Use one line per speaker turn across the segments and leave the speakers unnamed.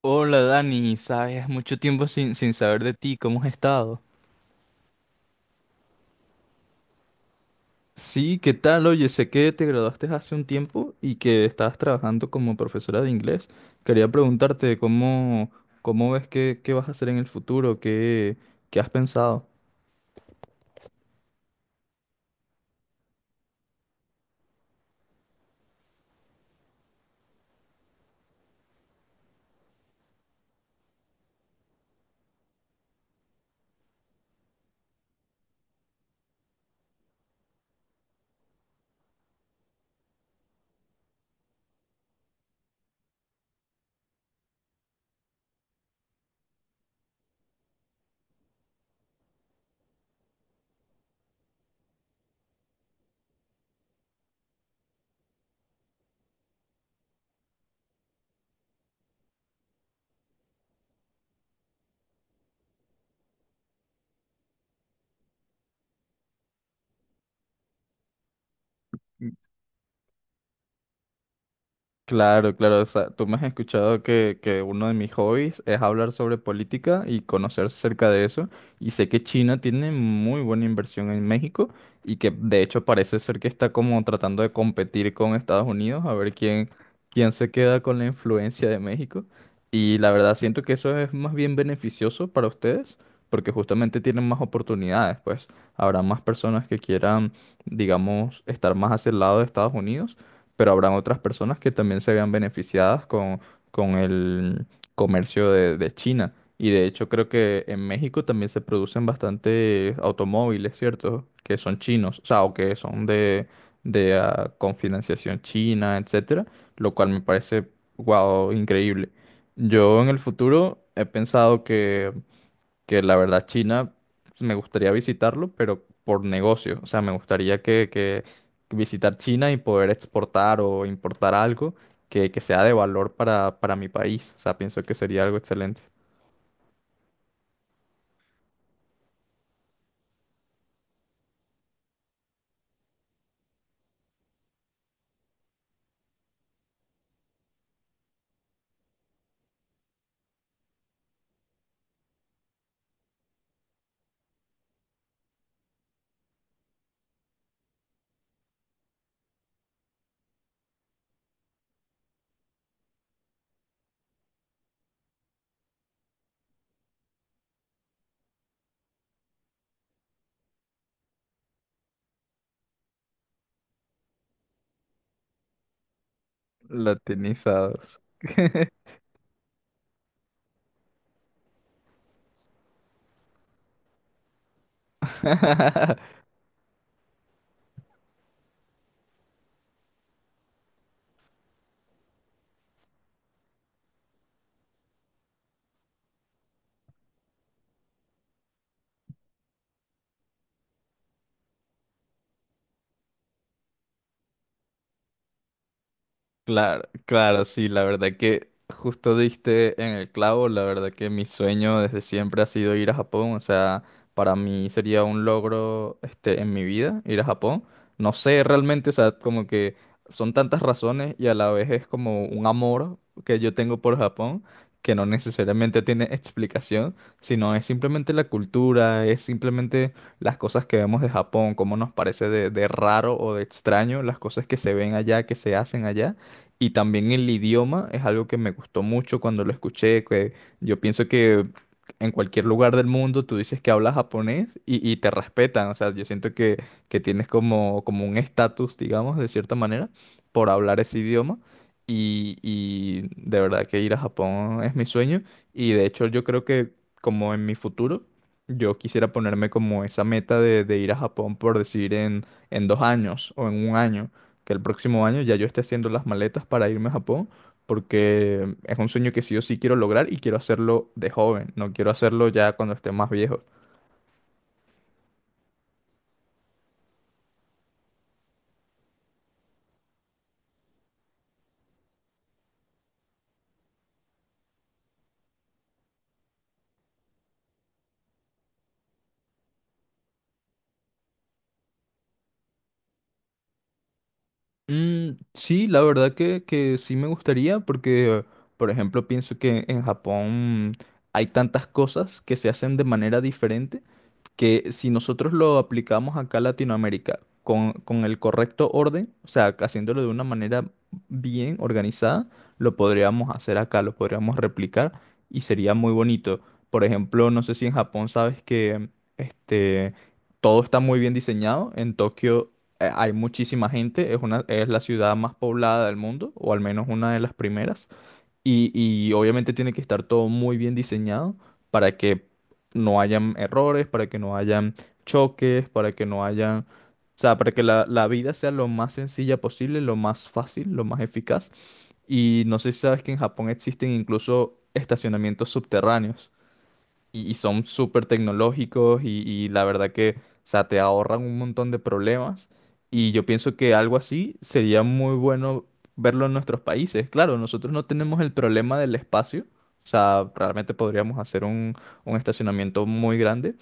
Hola Dani, sabes, mucho tiempo sin saber de ti, ¿cómo has estado? Sí, ¿qué tal? Oye, sé que te graduaste hace un tiempo y que estabas trabajando como profesora de inglés. Quería preguntarte cómo, cómo ves que, qué vas a hacer en el futuro, qué, qué has pensado. Claro, claro, o sea, tú me has escuchado que uno de mis hobbies es hablar sobre política y conocer acerca de eso. Y sé que China tiene muy buena inversión en México y que de hecho parece ser que está como tratando de competir con Estados Unidos a ver quién, quién se queda con la influencia de México. Y la verdad siento que eso es más bien beneficioso para ustedes porque justamente tienen más oportunidades, pues habrá más personas que quieran, digamos, estar más hacia el lado de Estados Unidos pero habrán otras personas que también se vean beneficiadas con el comercio de China. Y de hecho creo que en México también se producen bastante automóviles, ¿cierto? Que son chinos, o sea, o que son de con financiación china, etcétera, lo cual me parece, wow, increíble. Yo en el futuro he pensado que la verdad China pues, me gustaría visitarlo, pero por negocio. O sea, me gustaría que visitar China y poder exportar o importar algo que sea de valor para mi país. O sea, pienso que sería algo excelente. Latinizados. Claro, claro, sí, la verdad que justo diste en el clavo, la verdad que mi sueño desde siempre ha sido ir a Japón, o sea, para mí sería un logro este en mi vida ir a Japón. No sé realmente, o sea, como que son tantas razones y a la vez es como un amor que yo tengo por Japón que no necesariamente tiene explicación, sino es simplemente la cultura, es simplemente las cosas que vemos de Japón, cómo nos parece de raro o de extraño, las cosas que se ven allá, que se hacen allá. Y también el idioma es algo que me gustó mucho cuando lo escuché, que yo pienso que en cualquier lugar del mundo tú dices que hablas japonés y te respetan, o sea, yo siento que tienes como, como un estatus, digamos, de cierta manera, por hablar ese idioma. Y de verdad que ir a Japón es mi sueño. Y de hecho yo creo que como en mi futuro, yo quisiera ponerme como esa meta de ir a Japón por decir en 2 años o en 1 año que el próximo año ya yo esté haciendo las maletas para irme a Japón, porque es un sueño que sí o sí quiero lograr y quiero hacerlo de joven, no quiero hacerlo ya cuando esté más viejo. Mm, sí, la verdad que sí me gustaría porque, por ejemplo, pienso que en Japón hay tantas cosas que se hacen de manera diferente que si nosotros lo aplicamos acá a Latinoamérica con el correcto orden, o sea, haciéndolo de una manera bien organizada, lo podríamos hacer acá, lo podríamos replicar y sería muy bonito. Por ejemplo, no sé si en Japón sabes que este, todo está muy bien diseñado. En Tokio hay muchísima gente, es una, es la ciudad más poblada del mundo, o al menos una de las primeras. Y obviamente tiene que estar todo muy bien diseñado para que no hayan errores, para que no hayan choques, para que no hayan... O sea, para que la vida sea lo más sencilla posible, lo más fácil, lo más eficaz. Y no sé si sabes que en Japón existen incluso estacionamientos subterráneos y son súper tecnológicos y la verdad que, o sea, te ahorran un montón de problemas y yo pienso que algo así sería muy bueno verlo en nuestros países. Claro, nosotros no tenemos el problema del espacio, o sea, realmente podríamos hacer un estacionamiento muy grande,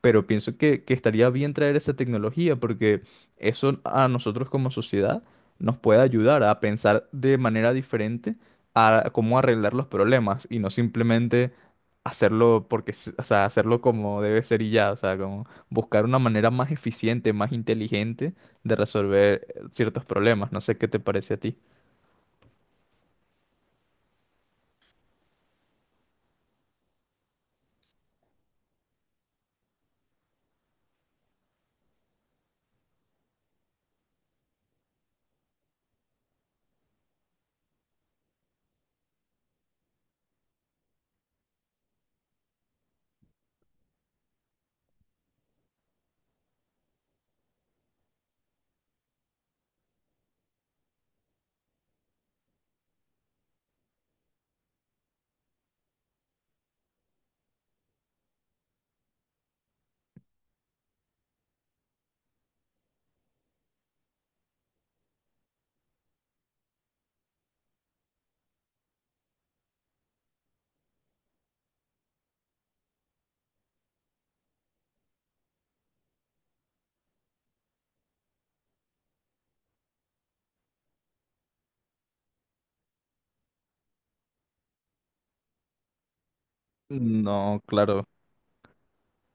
pero pienso que estaría bien traer esa tecnología porque eso a nosotros como sociedad nos puede ayudar a pensar de manera diferente a cómo arreglar los problemas y no simplemente hacerlo porque, s- o sea, hacerlo como debe ser y ya, o sea, como buscar una manera más eficiente, más inteligente de resolver ciertos problemas. No sé qué te parece a ti. No, claro.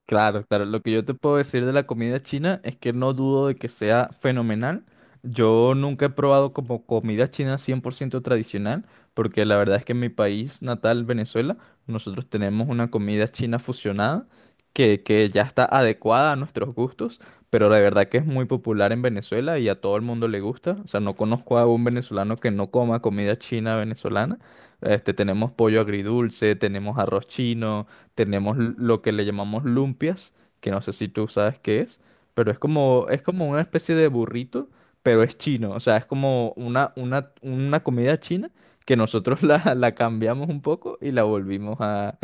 Claro, claro. Lo que yo te puedo decir de la comida china es que no dudo de que sea fenomenal. Yo nunca he probado como comida china 100% tradicional, porque la verdad es que en mi país natal, Venezuela, nosotros tenemos una comida china fusionada que ya está adecuada a nuestros gustos, pero la verdad que es muy popular en Venezuela y a todo el mundo le gusta. O sea, no conozco a un venezolano que no coma comida china venezolana. Este, tenemos pollo agridulce, tenemos arroz chino tenemos lo que le llamamos lumpias, que no sé si tú sabes qué es, pero es como una especie de burrito, pero es chino, o sea, es como una comida china que nosotros la, la cambiamos un poco y la volvimos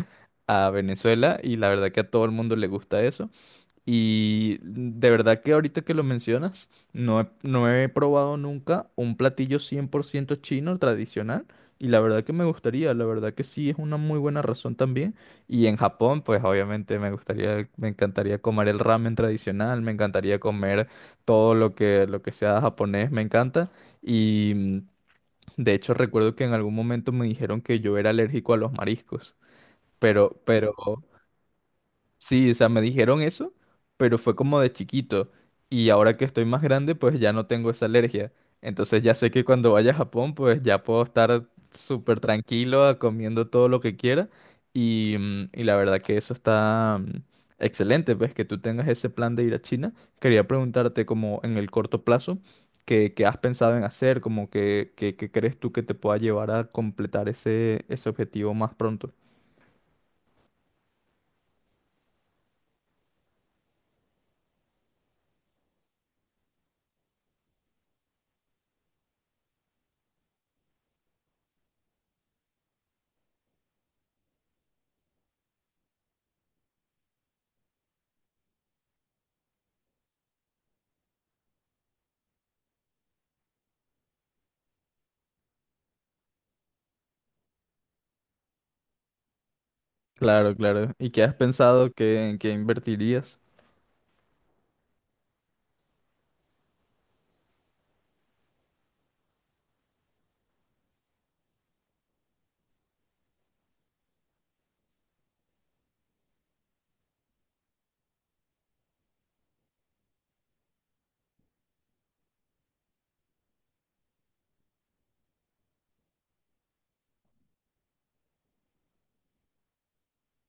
a Venezuela y la verdad que a todo el mundo le gusta eso. Y de verdad que ahorita que lo mencionas, no he probado nunca un platillo 100% chino tradicional. Y la verdad que me gustaría, la verdad que sí es una muy buena razón también. Y en Japón, pues obviamente me gustaría, me encantaría comer el ramen tradicional, me encantaría comer todo lo que sea japonés, me encanta. Y de hecho recuerdo que en algún momento me dijeron que yo era alérgico a los mariscos. Pero sí, o sea, me dijeron eso, pero fue como de chiquito. Y ahora que estoy más grande, pues ya no tengo esa alergia. Entonces ya sé que cuando vaya a Japón, pues ya puedo estar súper tranquilo, comiendo todo lo que quiera. Y, y la verdad que eso está excelente, pues que tú tengas ese plan de ir a China. Quería preguntarte como en el corto plazo, ¿qué, qué has pensado en hacer? Como que, ¿qué crees tú que te pueda llevar a completar ese, ese objetivo más pronto? Claro, claro. ¿Y qué has pensado que, en qué invertirías?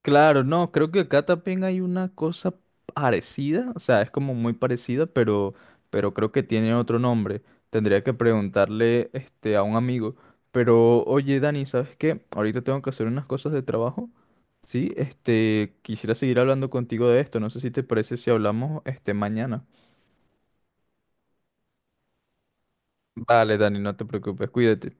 Claro, no, creo que acá también hay una cosa parecida, o sea, es como muy parecida, pero creo que tiene otro nombre. Tendría que preguntarle este, a un amigo. Pero, oye, Dani, ¿sabes qué? Ahorita tengo que hacer unas cosas de trabajo. Sí, este, quisiera seguir hablando contigo de esto. No sé si te parece si hablamos este mañana. Vale, Dani, no te preocupes, cuídate.